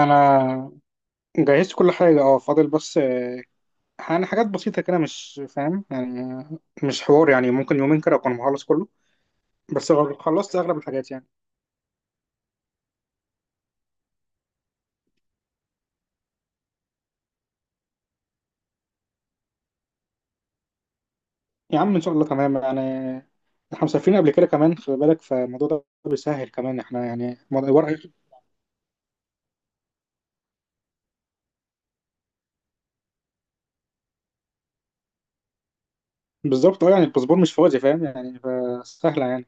انا جهزت كل حاجه، اه، فاضل بس. يعني حاجات بسيطه كده، مش فاهم يعني. مش حوار يعني، ممكن يومين كده اكون مخلص كله. بس خلصت اغلب الحاجات يعني. يا عم، ان شاء الله تمام يعني. احنا مسافرين قبل كده كمان، خلي بالك فالموضوع ده بيسهل كمان. احنا يعني ورق. بالظبط، اه، يعني الباسبور مش فاضي، فاهم يعني، فسهله يعني.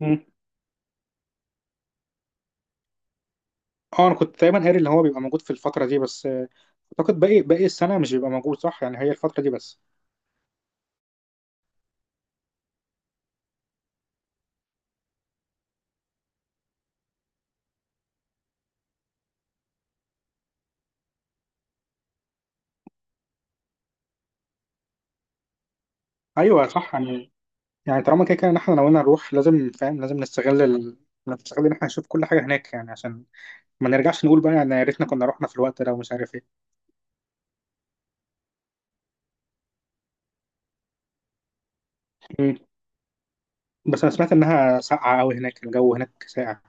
مم. اه، انا كنت دايما قاري اللي هو بيبقى موجود في الفتره دي بس. اعتقد باقي السنه مش بيبقى موجود، صح؟ يعني هي الفتره دي بس. ايوه صح يعني. يعني طالما كده كده ان احنا ناويين نروح، لازم، فاهم، لازم نستغل نستغل ان احنا نشوف كل حاجه هناك يعني، عشان ما نرجعش نقول بقى، يعني يا ريتنا كنا رحنا في الوقت ده ومش عارف ايه. مم. بس انا سمعت انها ساقعه قوي هناك، الجو هناك ساقع.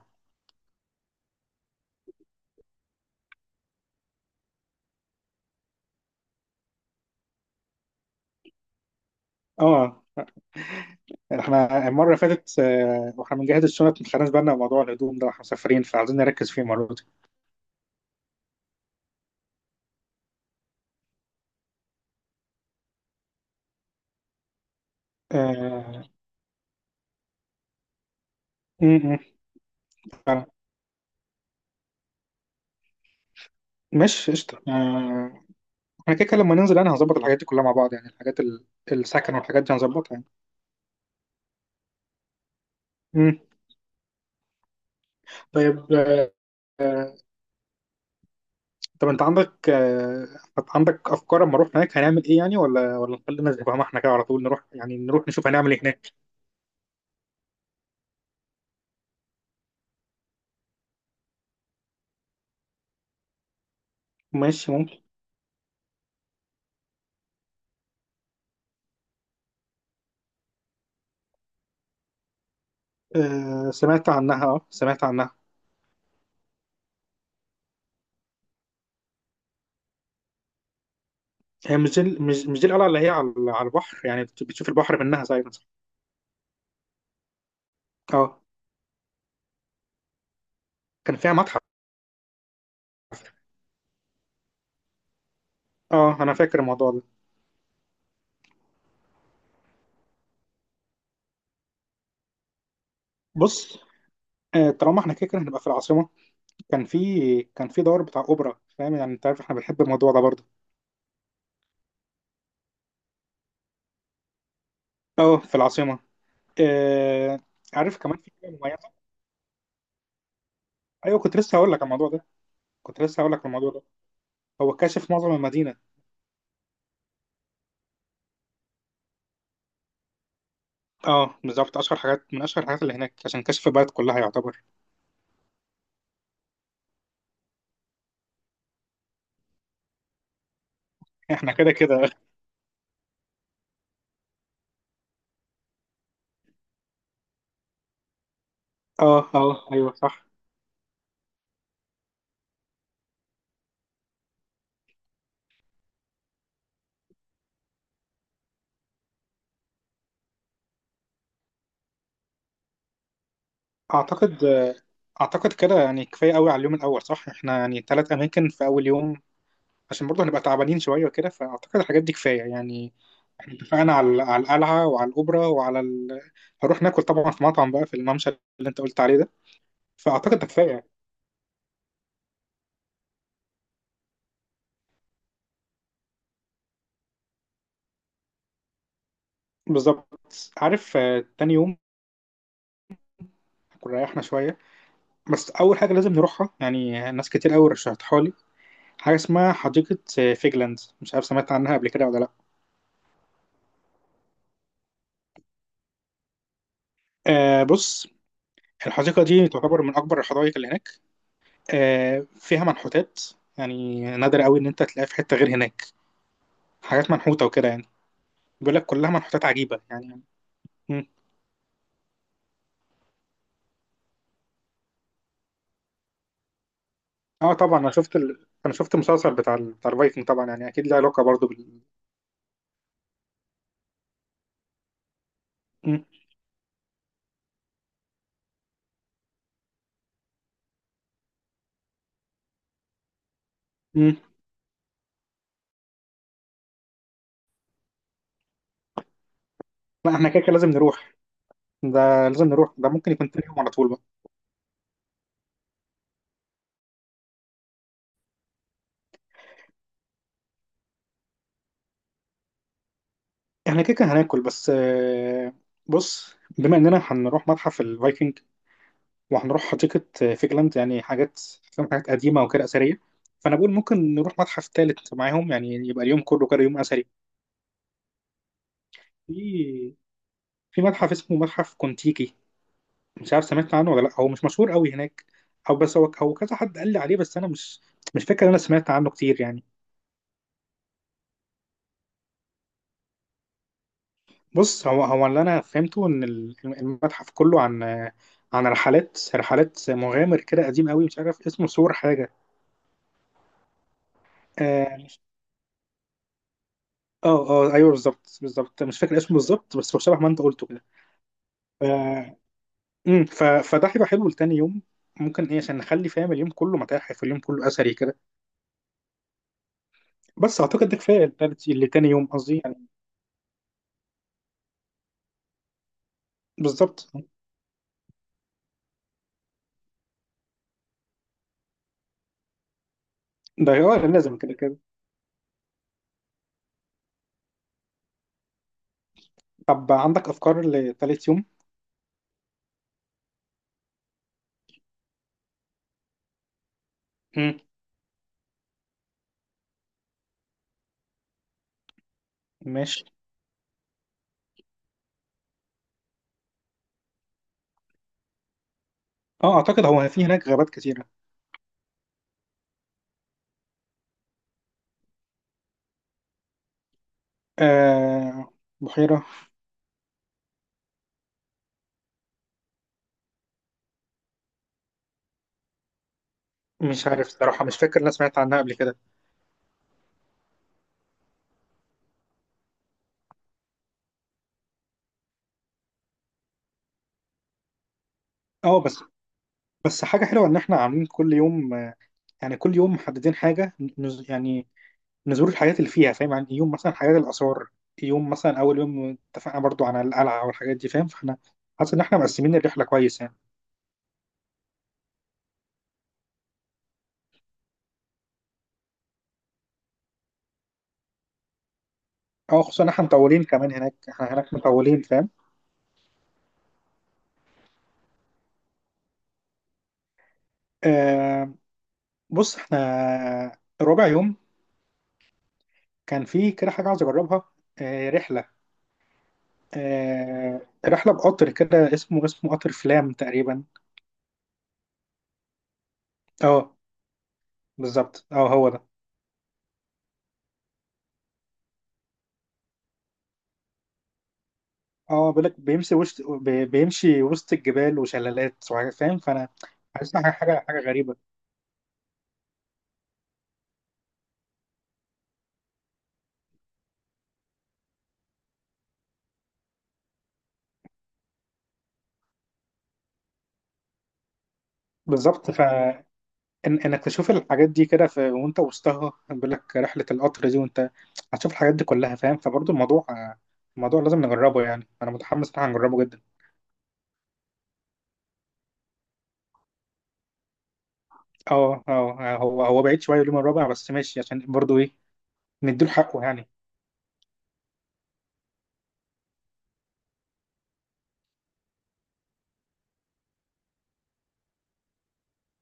اه، احنا المره اللي فاتت، آه، واحنا بنجهز الشنط، ما خدناش بالنا من موضوع الهدوم ده، واحنا مسافرين فعايزين نركز فيه المره دي. آه. م- م، فعلا. مش قشطه، آه، احنا كده كده لما ننزل انا هظبط الحاجات دي كلها مع بعض يعني. الحاجات السكن والحاجات دي هنظبطها يعني. م. طيب. طب انت عندك، آه، عندك افكار اما اروح هناك هنعمل ايه يعني؟ ولا نخلينا زي ما احنا كده، على طول نروح، يعني نروح نشوف هنعمل ايه هناك. ماشي ممكن. آه سمعت عنها، اه سمعت عنها. هي مش دي، مش دي القلعه اللي هي على البحر، يعني بتشوف البحر منها زي مثلا. اه، كان فيها متحف. اه، انا فاكر الموضوع ده. بص، آه، طالما احنا كده كده هنبقى في العاصمه، كان في دور بتاع اوبرا، فاهم يعني؟ انت عارف احنا بنحب الموضوع ده برضه. اه، في العاصمه. آه، عارف كمان في حاجه مميزه. ايوه، كنت لسه هقول لك على الموضوع ده. كنت لسه هقول لك الموضوع ده، هو كاشف معظم المدينة. اه بالظبط، اشهر حاجات، من اشهر الحاجات اللي هناك، عشان كشف البلد كلها يعتبر. احنا كده كده. اه، اه، ايوه صح. اعتقد اعتقد كده، يعني كفاية قوي على اليوم الاول، صح؟ احنا يعني 3 اماكن في اول يوم، عشان برضه هنبقى تعبانين شوية وكده، فاعتقد الحاجات دي كفاية يعني. احنا اتفقنا على القلعة وعلى الاوبرا وعلى هنروح ناكل طبعا في مطعم بقى في الممشى اللي انت قلت عليه ده. فاعتقد ده كفاية. بالظبط. عارف، آه، تاني يوم كنا ريحنا شوية، بس اول حاجه لازم نروحها، يعني ناس كتير قوي رشحتها لي حاجه اسمها حديقه فيجلاند، مش عارف سمعت عنها قبل كده ولا لا. آه بص، الحديقه دي تعتبر من اكبر الحدائق اللي هناك، آه، فيها منحوتات، يعني نادر قوي ان انت تلاقيها في حته غير هناك. حاجات منحوته وكده يعني، بيقول لك كلها منحوتات عجيبه يعني. مم. اه، طبعا انا شفت المسلسل بتاع الفايكنج طبعا يعني اكيد له علاقه برضه بال. مم. مم. لا، احنا كده كده لازم نروح. ده لازم نروح، ده ممكن يكون تاني يوم على طول بقى. احنا كده كده هناكل بس، آه، بص، بما اننا هنروح متحف الفايكنج وهنروح حديقة، آه، فيجلاند، يعني حاجات، فاهم، حاجات قديمة وكده أثرية. فأنا بقول ممكن نروح متحف تالت معاهم، يعني يبقى اليوم كله كده يوم أثري. في في متحف اسمه متحف كونتيكي، مش عارف سمعت عنه ولا لأ، هو مش مشهور قوي هناك. أو بس هو كذا حد قال لي عليه، بس أنا مش فاكر إن أنا سمعت عنه كتير يعني. بص، هو اللي انا فهمته ان المتحف كله عن، رحلات، مغامر كده قديم قوي، مش عارف اسمه سور حاجه. اه، اه، آه، ايوه بالظبط بالظبط، مش فاكر اسمه بالظبط، بس هو شبه ما انت قلته كده. ف... مم، ف... فده هيبقى حلو لتاني يوم. ممكن ايه، عشان نخلي فاهم، اليوم كله متاحف، اليوم كله اثري كده. بس اعتقد ده كفايه لتاني يوم قصدي يعني. بالظبط، ده، اه، لازم كده كده. طب عندك افكار لتالت يوم؟ مم، ماشي. اه، اعتقد هو في هناك غابات كتيره. آه، بحيرة، مش عارف صراحة، مش فاكر انا سمعت عنها قبل كده. اه بس، بس حاجة حلوة ان احنا عاملين كل يوم، آه، يعني كل يوم محددين حاجة يعني نزور الحاجات اللي فيها، فاهم؟ يعني يوم مثلا حاجات الآثار، يوم مثلا أول يوم اتفقنا برضو على القلعة والحاجات دي، فاهم؟ فاحنا حاسس ان احنا مقسمين الرحلة كويس يعني. اه، خصوصا ان احنا مطولين كمان هناك، احنا هناك مطولين فاهم. آه بص، احنا رابع يوم كان في كده حاجة عايز اجربها، آه، رحلة، آه، رحلة بقطر كده، اسمه قطر فلام تقريبا. اه بالظبط، اه هو ده. اه بيقول لك بيمشي وسط، بيمشي وسط الجبال وشلالات وحاجات، فاهم. فانا حاسسها حاجة حاجة حاجة غريبة. بالظبط، فانك تشوف الحاجات دي كده وانت وسطها، بيقول لك رحلة القطر دي، وانت هتشوف الحاجات دي كلها، فاهم. فبرضه الموضوع، لازم نجربه يعني، انا متحمس ان هنجربه جدا. اه، اه، هو بعيد شوية اليوم الرابع، بس ماشي عشان برضه ايه، نديله حقه يعني.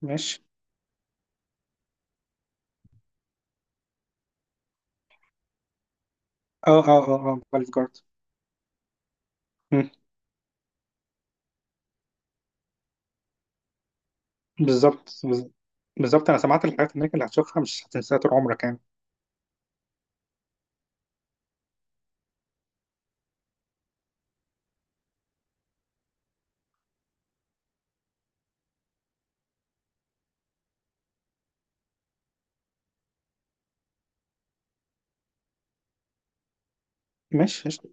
ماشي. اه، اه، اه، اه، باليف جارد. مم. بالظبط، بالظبط، انا سمعت الحاجات هناك اللي هتشوفها مش هتنساها طول عمرك يعني. ماشي قشطة.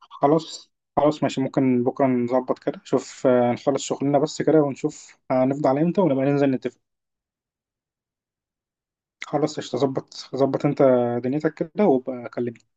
خلاص. خلاص ماشي، ممكن بكره نظبط كده، شوف، آه، نخلص شغلنا بس كده ونشوف هنفضل على امتى ونبقى ننزل نتفق. خلاص قشطة، ظبط ظبط انت دنيتك كده وابقى كلمني.